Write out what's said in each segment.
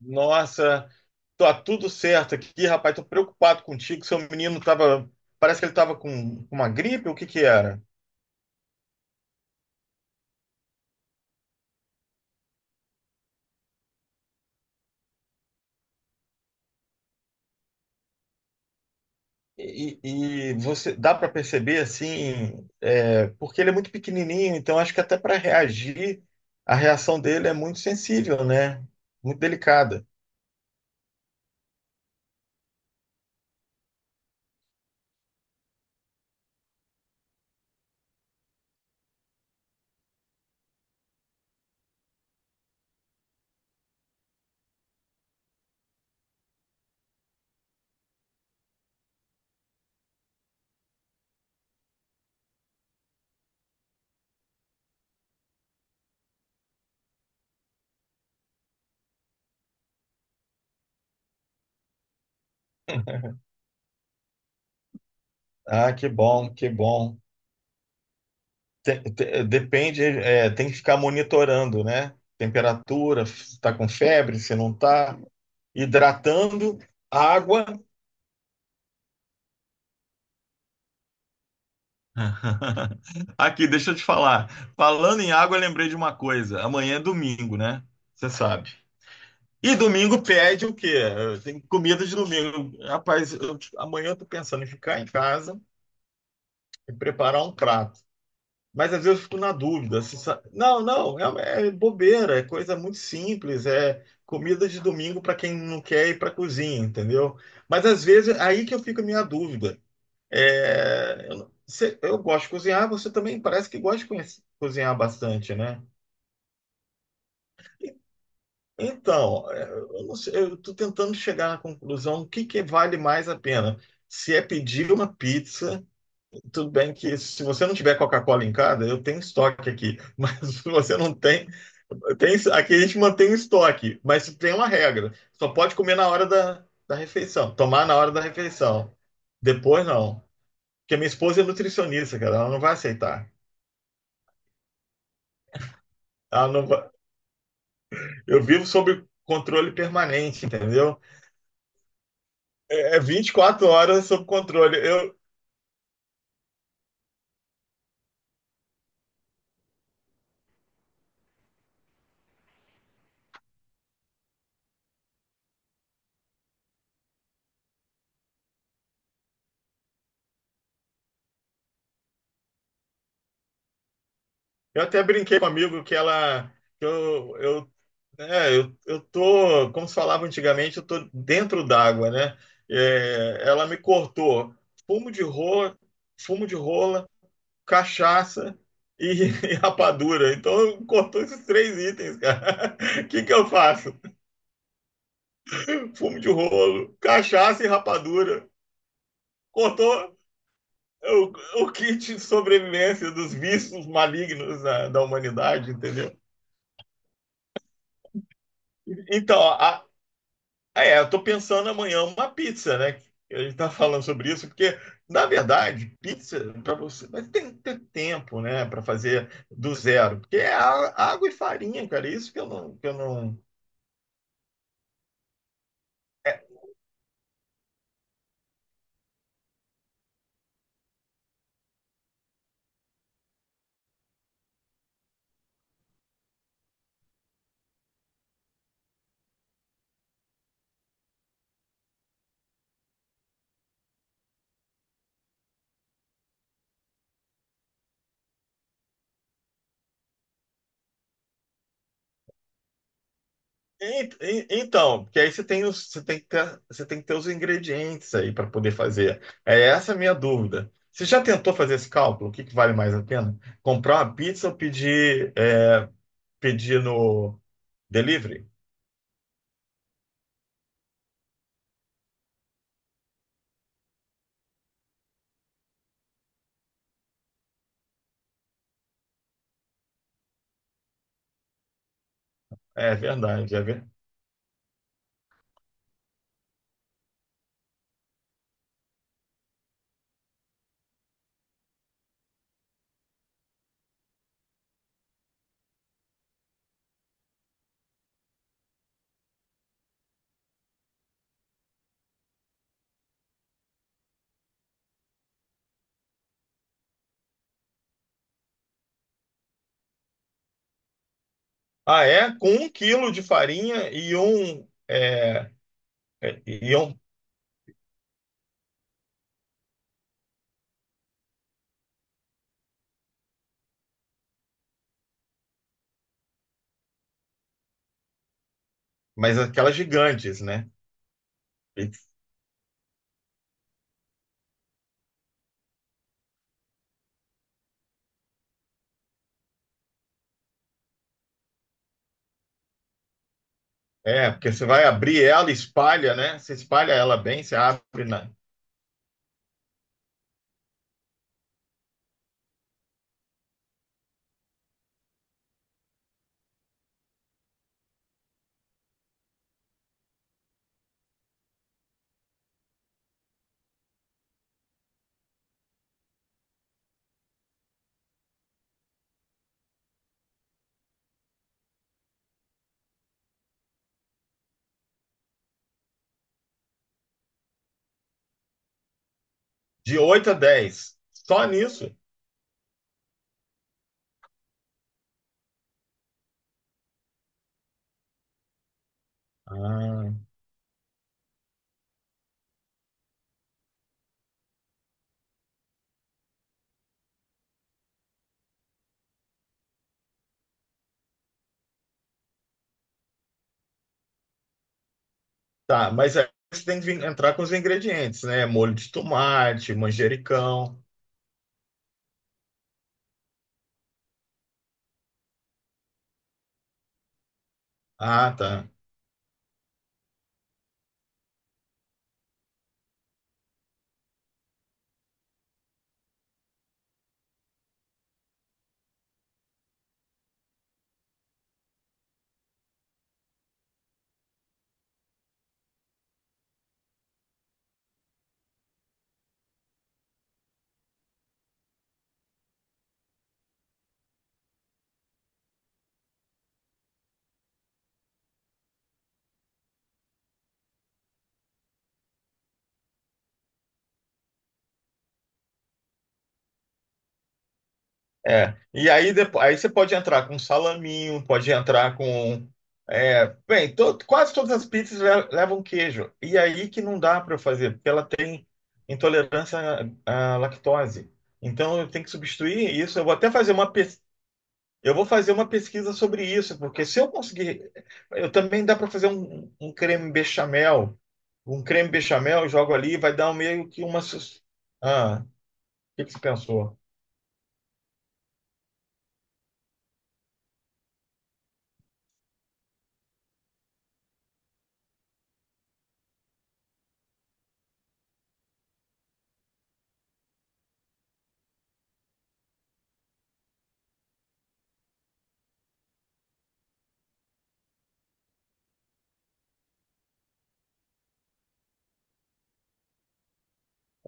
Nossa, tá tudo certo aqui, rapaz. Tô preocupado contigo. Seu menino tava. Parece que ele tava com uma gripe, o que que era? E você dá para perceber assim, porque ele é muito pequenininho, então acho que até para reagir, a reação dele é muito sensível, né? Muito delicada. Ah, que bom, que bom. Depende, tem que ficar monitorando, né? Temperatura, se está com febre, se não está, hidratando, água. Aqui, deixa eu te falar. Falando em água, eu lembrei de uma coisa. Amanhã é domingo, né? Você sabe. E domingo pede o quê? Tem comida de domingo. Rapaz, amanhã eu tô pensando em ficar em casa e preparar um prato. Mas às vezes eu fico na dúvida. Se sa- Não, não, é bobeira, é coisa muito simples. É comida de domingo para quem não quer ir para cozinha, entendeu? Mas às vezes aí que eu fico a minha dúvida. É, eu, eu gosto de cozinhar, você também parece que gosta de cozinhar bastante, né? Então, eu não sei, eu estou tentando chegar na conclusão o que que vale mais a pena. Se é pedir uma pizza, tudo bem que se você não tiver Coca-Cola em casa, eu tenho estoque aqui. Mas se você não tem, tem, aqui a gente mantém o estoque, mas tem uma regra. Só pode comer na hora da refeição, tomar na hora da refeição. Depois não. Porque minha esposa é nutricionista, cara, ela não vai aceitar. Ela não vai. Eu vivo sob controle permanente, entendeu? É 24 horas sob controle. Eu até brinquei com um amigo que ela. Que eu, é, eu tô, como se falava antigamente, eu tô dentro d'água, né? Ela me cortou fumo de rola, fumo de rola, cachaça e, e rapadura. Então cortou esses três itens, cara. O que que eu faço? Fumo de rolo, cachaça e rapadura. Cortou o, o kit de sobrevivência dos vícios malignos da humanidade, entendeu? Então, eu tô pensando amanhã uma pizza, né? A gente tá falando sobre isso, porque, na verdade, pizza, para você, mas tem que ter tempo, né, para fazer do zero. Porque é água e farinha, cara, isso que eu não. Então, porque aí você tem os, você tem que ter os ingredientes aí para poder fazer. É essa a minha dúvida. Você já tentou fazer esse cálculo? O que que vale mais a pena? Comprar uma pizza ou pedir no delivery? É verdade, é verdade. Ah, é? Com um quilo de farinha e um, mas aquelas gigantes, né? E- É, porque você vai abrir ela, espalha, né? Você espalha ela bem, você abre na, de 8 a 10. Só nisso. Ah, tá, mas aí você tem que entrar com os ingredientes, né? Molho de tomate, manjericão. Ah, tá. É. E aí depois, aí você pode entrar com salaminho, pode entrar com quase todas as pizzas levam queijo. E aí que não dá para eu fazer, porque ela tem intolerância à lactose. Então eu tenho que substituir isso. Eu vou fazer uma pesquisa sobre isso, porque se eu conseguir, eu também dá para fazer um creme bechamel, jogo ali, vai dar um meio que uma. Ah, o que que você pensou?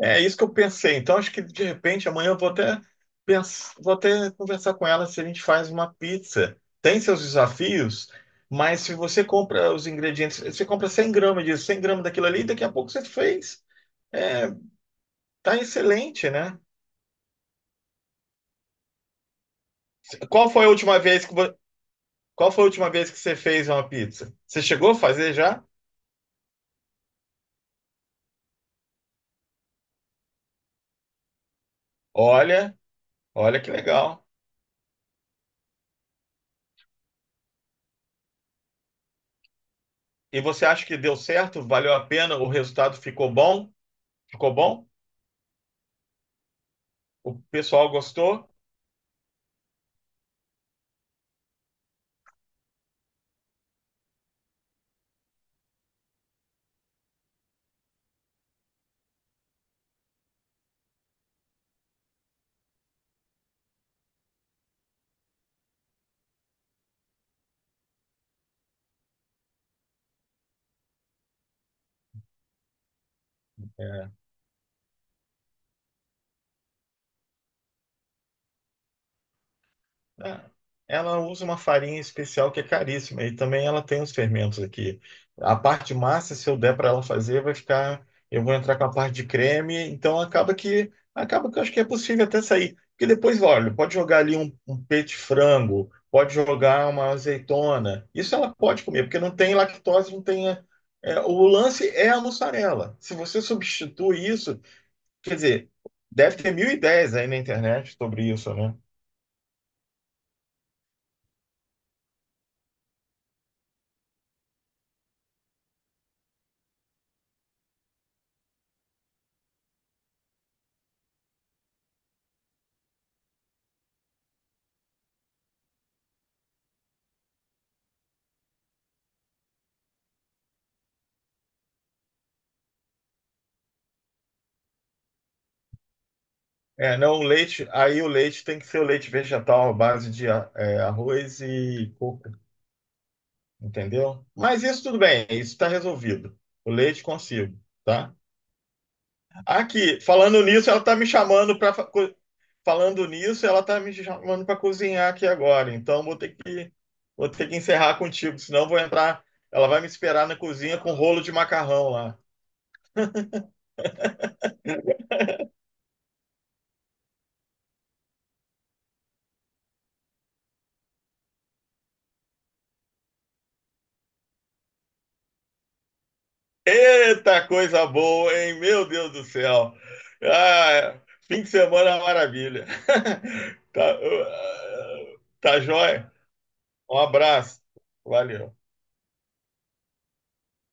É isso que eu pensei. Então, acho que de repente amanhã eu vou até conversar com ela se a gente faz uma pizza. Tem seus desafios, mas se você compra os ingredientes, você compra 100 gramas disso, 100 gramas daquilo ali, daqui a pouco você fez. É, tá excelente, né? Qual foi a última vez que vo- qual foi a última vez que você fez uma pizza? Você chegou a fazer já? Olha, olha que legal. E você acha que deu certo? Valeu a pena? O resultado ficou bom? Ficou bom? O pessoal gostou? É, Ela usa uma farinha especial que é caríssima e também ela tem os fermentos aqui. A parte massa, se eu der para ela fazer, vai ficar. Eu vou entrar com a parte de creme, então acaba que eu acho que é possível até sair. Porque depois, olha, pode jogar ali um peito de frango, pode jogar uma azeitona. Isso ela pode comer, porque não tem lactose, não tem. O lance é a mussarela. Se você substitui isso, quer dizer, deve ter mil ideias aí na internet sobre isso, né? É, não, o leite, aí o leite tem que ser o leite vegetal à base de arroz e coco, entendeu? Mas isso tudo bem, isso está resolvido. O leite consigo, tá? Aqui, falando nisso, ela tá me chamando para cozinhar aqui agora. Então vou ter que encerrar contigo, senão eu vou entrar, ela vai me esperar na cozinha com rolo de macarrão lá. Eita coisa boa, hein? Meu Deus do céu. Ah, fim de semana é uma maravilha. Tá, tá joia? Um abraço. Valeu.